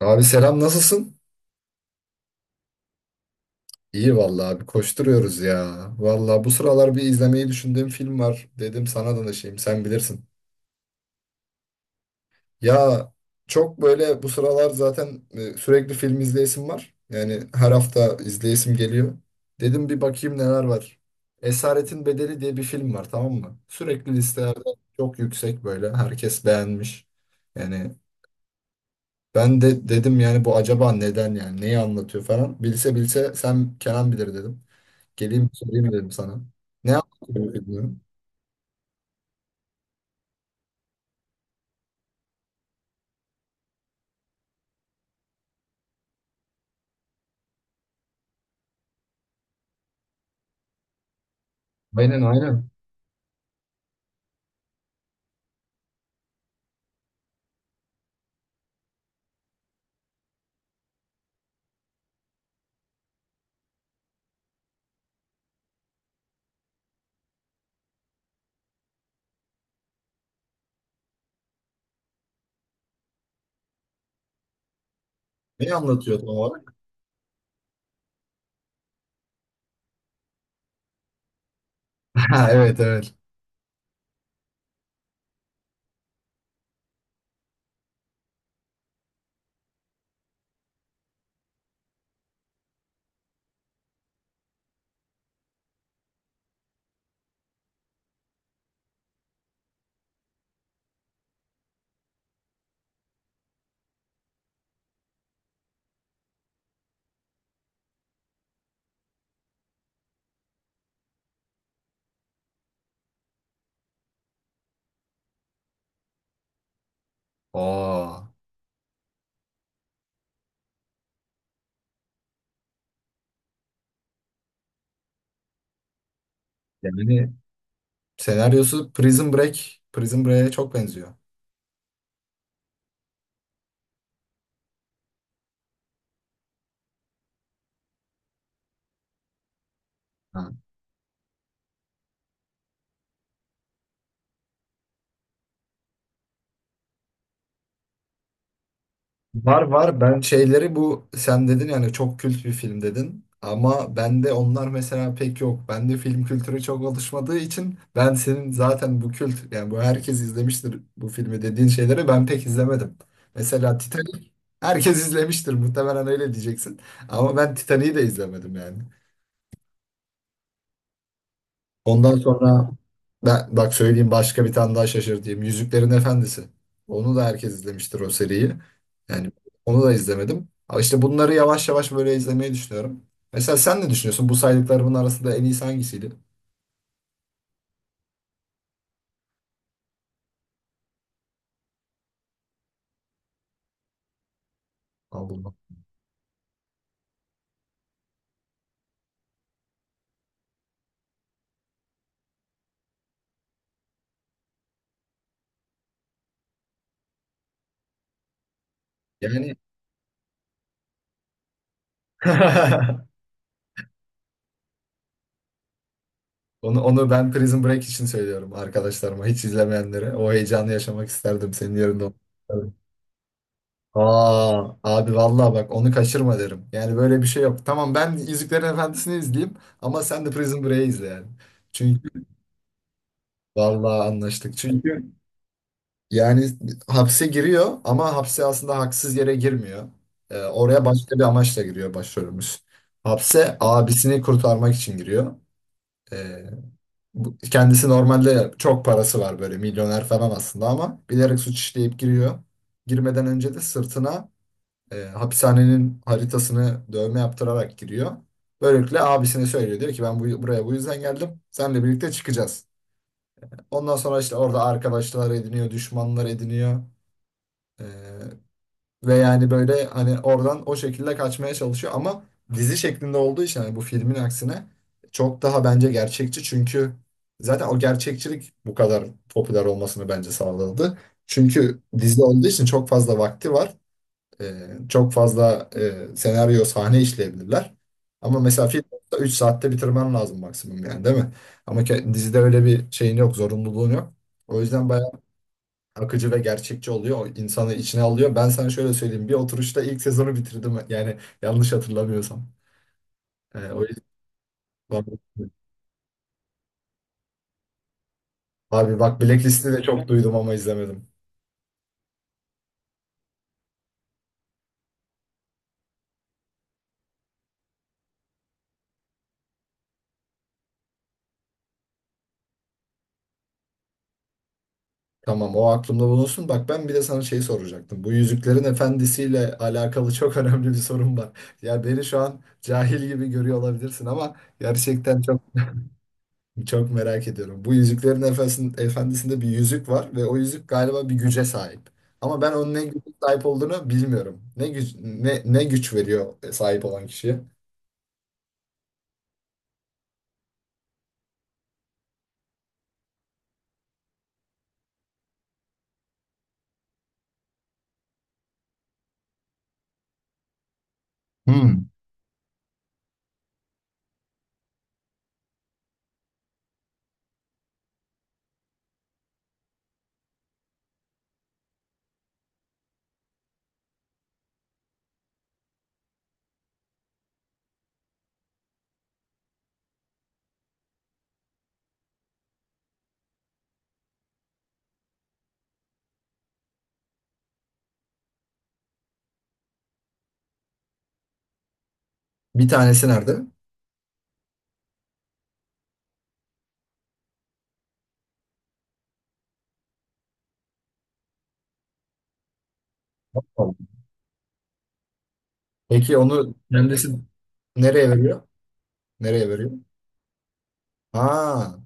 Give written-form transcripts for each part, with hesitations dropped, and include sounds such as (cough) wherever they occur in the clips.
Abi selam nasılsın? İyi vallahi abi koşturuyoruz ya. Vallahi bu sıralar bir izlemeyi düşündüğüm film var. Dedim sana danışayım sen bilirsin. Ya çok böyle bu sıralar zaten sürekli film izleyesim var. Yani her hafta izleyesim geliyor. Dedim bir bakayım neler var. Esaretin Bedeli diye bir film var, tamam mı? Sürekli listelerde çok yüksek böyle. Herkes beğenmiş. Yani ben de dedim yani bu acaba neden, yani neyi anlatıyor falan. Bilse bilse sen Kenan bilir dedim. Geleyim sorayım dedim sana. Ne anlatıyor bilmiyorum. Aynen, aynen. Ne anlatıyor tam olarak? (laughs) Ha, evet, evet. Aa, yani senaryosu Prison Break. Prison Break'e çok benziyor. Ha. Var, var, ben şeyleri bu sen dedin yani çok kült bir film dedin ama bende onlar mesela pek yok. Bende film kültürü çok oluşmadığı için ben senin zaten bu kült yani bu herkes izlemiştir bu filmi dediğin şeyleri ben pek izlemedim. Mesela Titanic herkes izlemiştir muhtemelen, öyle diyeceksin, ama ben Titanic'i de izlemedim yani. Ondan sonra ben bak söyleyeyim, başka bir tane daha şaşırtayım. Yüzüklerin Efendisi. Onu da herkes izlemiştir o seriyi. Yani onu da izlemedim. Ama işte bunları yavaş yavaş böyle izlemeyi düşünüyorum. Mesela sen ne düşünüyorsun? Bu saydıklarımın arasında en iyisi hangisiydi? Al bunu. Yani (laughs) onu ben Prison Break için söylüyorum arkadaşlarıma. Hiç izlemeyenlere. O heyecanı yaşamak isterdim senin yerinde. olmak Aa, abi vallahi bak onu kaçırma derim. Yani böyle bir şey yok. Tamam, ben Yüzüklerin Efendisi'ni izleyeyim ama sen de Prison Break'i izle yani. Çünkü vallahi anlaştık. Çünkü yani hapse giriyor ama hapse aslında haksız yere girmiyor. Oraya başka bir amaçla giriyor başrolümüz. Hapse abisini kurtarmak için giriyor. Ee, kendisi normalde çok parası var böyle, milyoner falan aslında, ama bilerek suç işleyip giriyor. Girmeden önce de sırtına hapishanenin haritasını dövme yaptırarak giriyor. Böylelikle abisine söylüyor. Diyor ki ben buraya bu yüzden geldim. Seninle birlikte çıkacağız. Ondan sonra işte orada arkadaşlar ediniyor, düşmanlar ediniyor. E, ve yani böyle hani oradan o şekilde kaçmaya çalışıyor. Ama dizi şeklinde olduğu için, hani bu filmin aksine, çok daha bence gerçekçi. Çünkü zaten o gerçekçilik bu kadar popüler olmasını bence sağladı. Çünkü dizi olduğu için çok fazla vakti var. Çok fazla senaryo sahne işleyebilirler. Ama mesela film 3 saatte bitirmen lazım maksimum, yani değil mi? Ama dizide öyle bir şeyin yok, zorunluluğun yok. O yüzden bayağı akıcı ve gerçekçi oluyor. O insanı içine alıyor. Ben sana şöyle söyleyeyim: bir oturuşta ilk sezonu bitirdim. Yani yanlış hatırlamıyorsam. O yüzden... Abi bak, Blacklist'i de çok duydum ama izlemedim. Tamam, o aklımda bulunsun. Bak ben bir de sana şey soracaktım. Bu Yüzüklerin Efendisi'yle alakalı (laughs) çok önemli bir sorum var. Ya beni şu an cahil gibi görüyor olabilirsin ama gerçekten çok çok merak ediyorum. Bu Yüzüklerin efendisi'nin Efendisi'nde bir yüzük var ve o yüzük galiba bir güce sahip. Ama ben onun ne güce sahip olduğunu bilmiyorum. Ne güç, ne güç veriyor sahip olan kişiye? Hmm. Bir tanesi nerede? Tamam. Peki onu kendisi nereye veriyor? Nereye veriyor? Ha.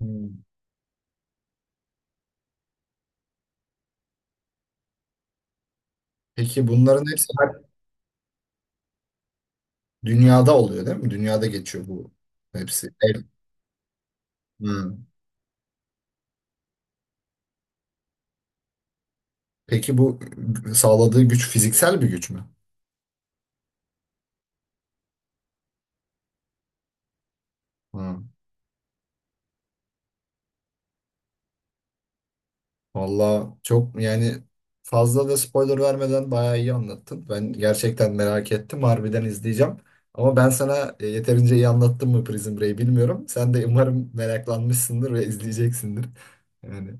Hmm. Peki bunların hepsi dünyada oluyor değil mi? Dünyada geçiyor bu hepsi. Evet. Hmm. Peki bu sağladığı güç fiziksel bir güç mü? Hmm. Valla çok yani fazla da spoiler vermeden bayağı iyi anlattın. Ben gerçekten merak ettim. Harbiden izleyeceğim. Ama ben sana yeterince iyi anlattım mı Prison Break'i bilmiyorum. Sen de umarım meraklanmışsındır ve izleyeceksindir. Yani.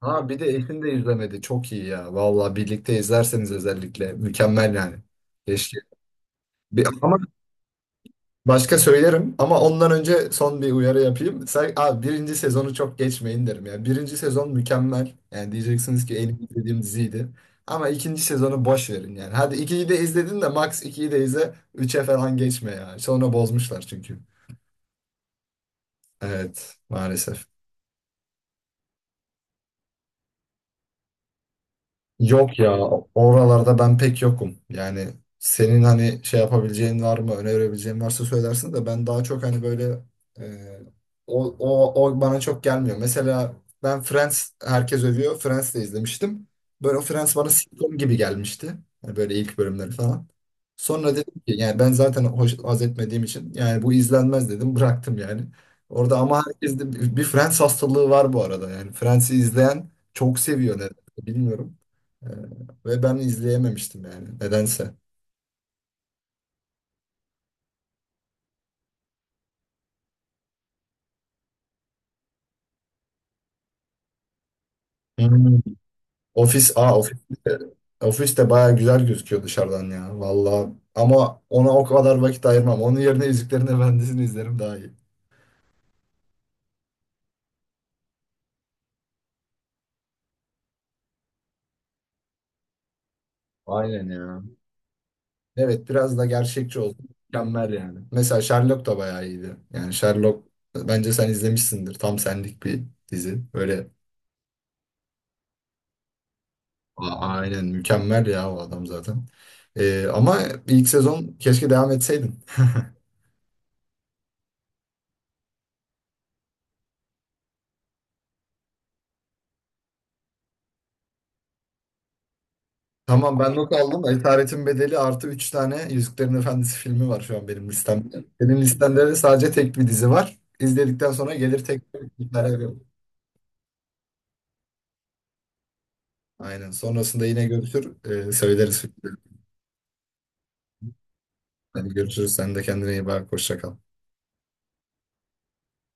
Ha, bir de eşin de izlemedi. Çok iyi ya. Valla birlikte izlerseniz özellikle mükemmel yani. Keşke ama başka söylerim ama ondan önce son bir uyarı yapayım. Sen, abi, birinci sezonu çok geçmeyin derim ya. Birinci sezon mükemmel. Yani diyeceksiniz ki en iyi izlediğim diziydi. Ama ikinci sezonu boş verin yani. Hadi ikiyi de izledin, de max ikiyi de izle. Üçe falan geçme ya. Sonra bozmuşlar çünkü. Evet, maalesef. Yok ya, oralarda ben pek yokum. Yani senin hani şey yapabileceğin var mı, önerebileceğin varsa söylersin, de ben daha çok hani böyle e, o bana çok gelmiyor. Mesela ben Friends, herkes övüyor. Friends de izlemiştim. Böyle o Friends bana sitcom gibi gelmişti. Yani böyle ilk bölümleri falan. Sonra dedim ki yani ben zaten haz etmediğim için, yani bu izlenmez dedim, bıraktım yani. Orada ama herkeste bir Friends hastalığı var bu arada yani. Friends'i izleyen çok seviyor, neden bilmiyorum. Ee, Ve ben izleyememiştim yani nedense. Hmm. Ofis, ofis de baya güzel gözüküyor dışarıdan ya valla. Ama ona o kadar vakit ayırmam. Onun yerine Yüzüklerin Efendisi'ni izlerim, daha iyi. Aynen ya. Evet, biraz da gerçekçi olsun. Mükemmel yani. Mesela Sherlock da bayağı iyiydi. Yani Sherlock, bence sen izlemişsindir. Tam senlik bir dizi. Böyle aynen mükemmel ya o adam zaten. Ama ilk sezon keşke devam etseydin. (laughs) Tamam ben not aldım. Da Esaretin Bedeli artı 3 tane Yüzüklerin Efendisi filmi var şu an benim listemde. Benim listemde de sadece tek bir dizi var. İzledikten sonra gelir tekrar bir karar veririm. Aynen. Sonrasında yine görüşür. Söyleriz. Hadi görüşürüz. Sen de kendine iyi bak. Hoşça kal.